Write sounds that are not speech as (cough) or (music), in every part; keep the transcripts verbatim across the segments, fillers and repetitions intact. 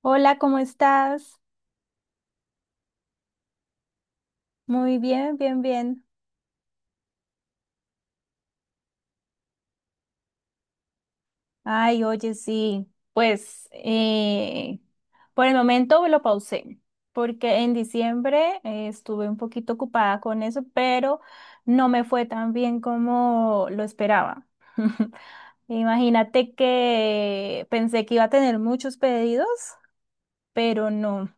Hola, ¿cómo estás? Muy bien, bien, bien. Ay, oye, sí, pues eh, por el momento lo pausé, porque en diciembre eh, estuve un poquito ocupada con eso, pero no me fue tan bien como lo esperaba. (laughs) Imagínate que pensé que iba a tener muchos pedidos, pero no.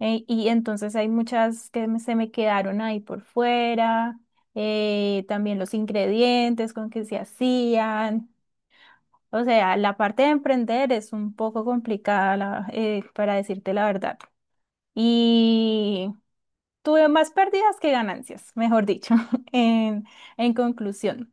Eh, y entonces hay muchas que me- se me quedaron ahí por fuera, eh, también los ingredientes con que se hacían. O sea, la parte de emprender es un poco complicada, la- eh, para decirte la verdad. Y tuve más pérdidas que ganancias, mejor dicho, (laughs) en, en conclusión.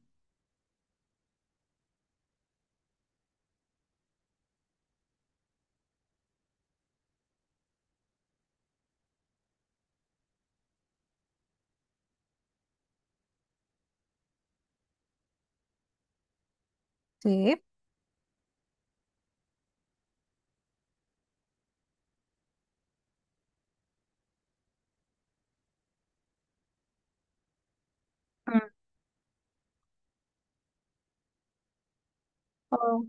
Mm. Oh.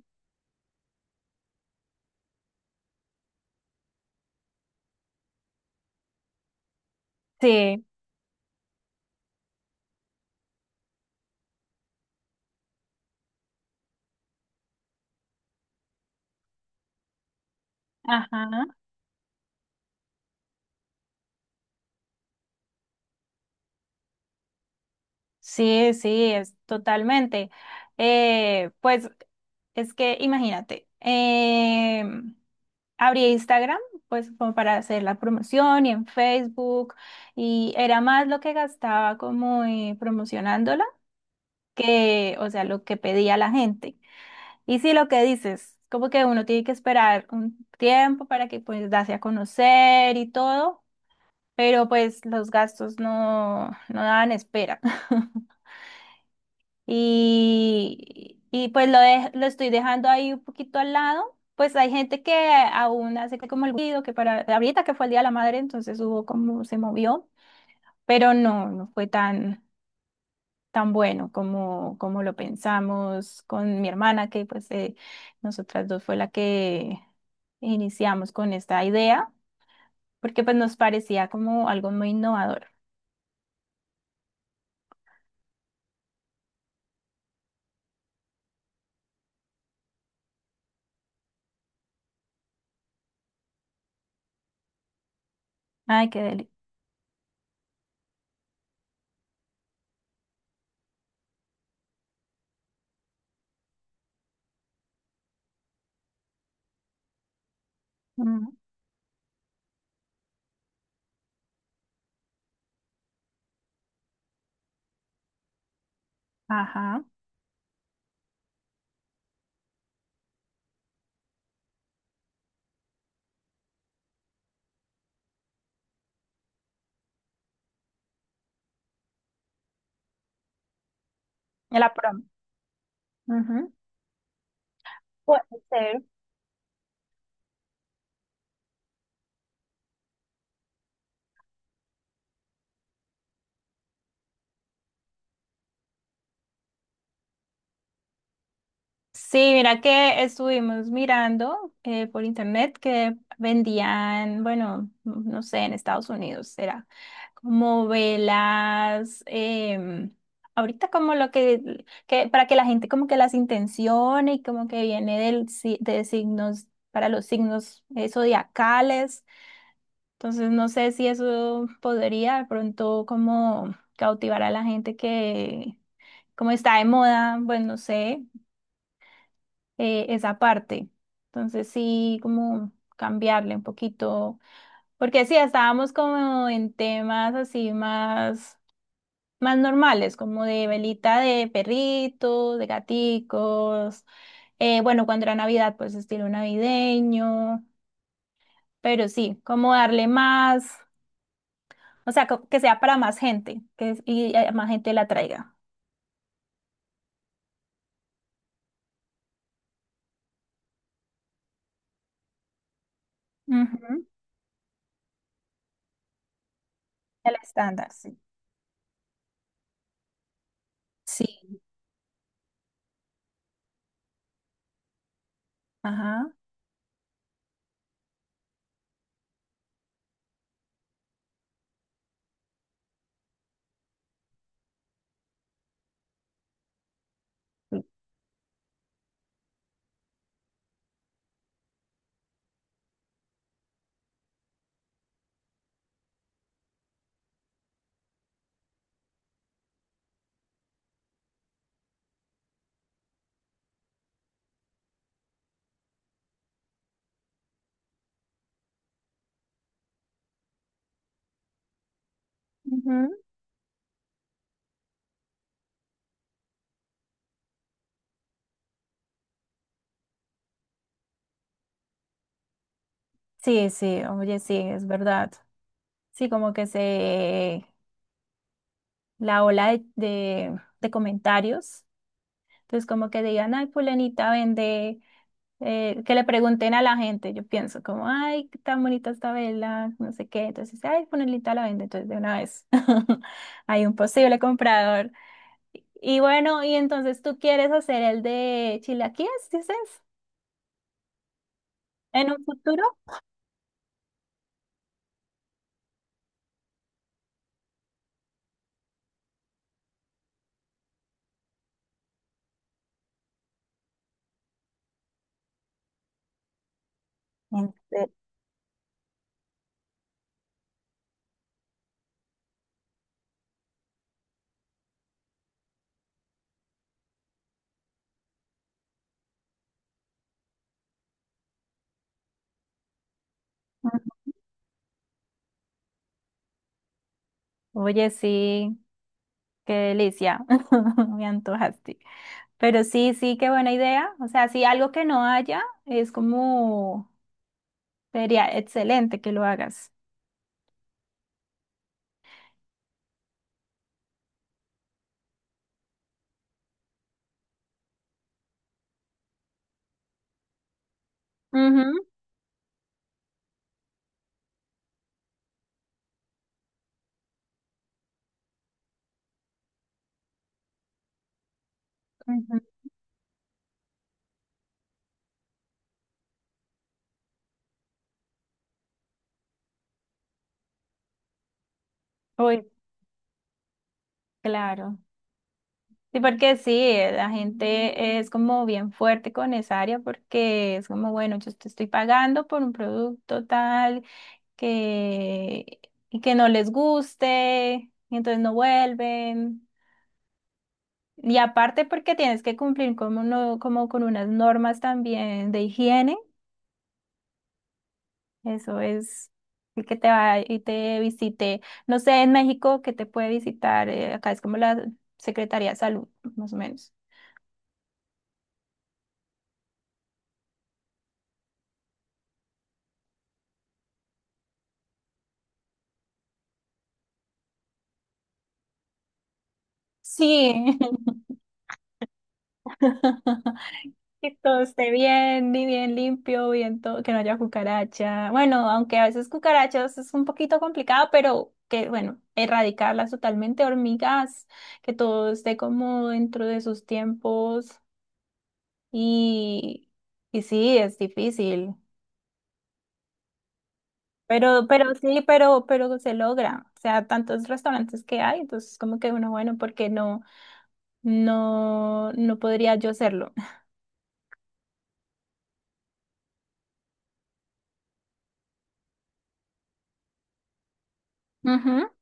Sí, ajá. Sí, sí, es totalmente. Eh, pues es que imagínate, eh, abrí Instagram, pues como para hacer la promoción y en Facebook, y era más lo que gastaba como eh, promocionándola que, o sea, lo que pedía la gente. Y sí, lo que dices, como que uno tiene que esperar un tiempo para que pues darse a conocer y todo, pero pues los gastos no, no daban espera. (laughs) Y, y pues lo, de- lo estoy dejando ahí un poquito al lado. Pues hay gente que aún hace como el ruido, que para ahorita que fue el Día de la Madre, entonces hubo como se movió, pero no, no fue tan, tan bueno como, como lo pensamos con mi hermana, que pues eh, nosotras dos fue la que iniciamos con esta idea, porque pues nos parecía como algo muy innovador. Ay, qué deli. Ujú. Ajá. La prom. Ujú. Puede ser. Sí, mira que estuvimos mirando eh, por internet que vendían, bueno, no sé, en Estados Unidos era como velas, em, ahorita como lo que, que, para que la gente como que las intencione y como que viene del, si- de signos, para los signos eh, zodiacales. Entonces no sé si eso podría de pronto como cautivar a la gente que como está de moda, pues no sé eh, esa parte. Entonces sí, como cambiarle un poquito, porque sí, estábamos como en temas así más, más normales, como de velita de perritos, de gaticos, eh, bueno, cuando era Navidad, pues estilo navideño, pero sí, como darle más, o sea, co- que sea para más gente, que es- y eh, más gente la traiga. Ujú. El estándar, sí. Sí, ajá. Ujú. Sí, sí, oye, sí, es verdad. Sí, como que se, la ola de, de, de comentarios, entonces como que digan, ay, fulanita vende, eh, que le pregunten a la gente, yo pienso como, ay, qué tan bonita esta vela, no sé qué, entonces, ay, fulanita la vende, entonces de una vez (laughs) hay un posible comprador. Y bueno, y entonces tú quieres hacer el de chilaquiles, dices, en un futuro. En se- Oye, sí, qué delicia, (laughs) me antojaste. Pero sí, sí, qué buena idea. O sea, si algo que no haya es como, sería excelente que lo hagas. Ujú, ujú. Uy, claro. Sí, porque sí, eh, la gente es como bien fuerte con esa área porque es como, bueno, yo te estoy pagando por un producto tal. Que, y que no les guste, y entonces no vuelven. Y aparte porque tienes que cumplir con uno- como con unas normas también de higiene, eso es el que te va y te visite, no sé, en México que te puede visitar, eh, acá es como la Secretaría de Salud, más o menos. Sí. (laughs) Que todo esté bien, y bien limpio, bien todo, que no haya cucaracha. Bueno, aunque a veces cucarachas es un poquito complicado, pero que, bueno, erradicarlas totalmente, hormigas, que todo esté como dentro de sus tiempos y, y sí, es difícil. Pero, pero sí, pero, pero se logra. O sea, tantos restaurantes que hay, entonces como que uno, bueno, porque no, no, no podría yo hacerlo. Ujú. (laughs)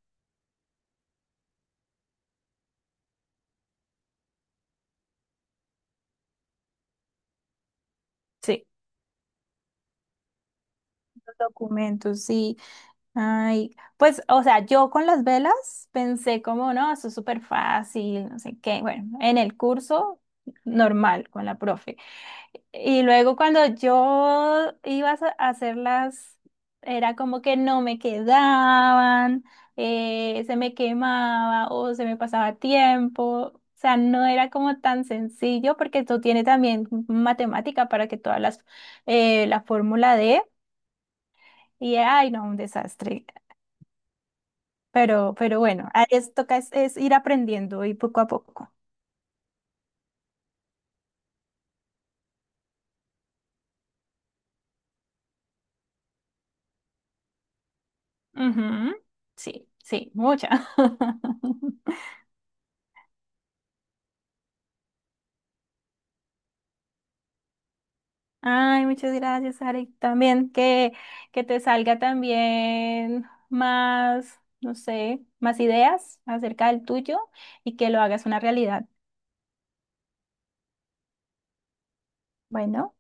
Sí, los documentos, sí. Ay, pues, o sea, yo con las velas pensé como, no, eso es súper fácil, no sé qué. Bueno, en el curso normal con la profe. Y luego cuando yo iba a sa- a hacerlas, era como que no me quedaban, eh, se me quemaba o se me pasaba tiempo. O sea, no era como tan sencillo porque esto tiene también matemática para que todas las, eh, la fórmula de, y ay, no, un desastre. Pero, pero bueno, a- es, toca es, es ir aprendiendo y poco a poco. Ujú. Sí, sí, mucha. (laughs) Ay, muchas gracias, Ari. También que, que te salga también más, no sé, más ideas acerca del tuyo y que lo hagas una realidad. Bueno.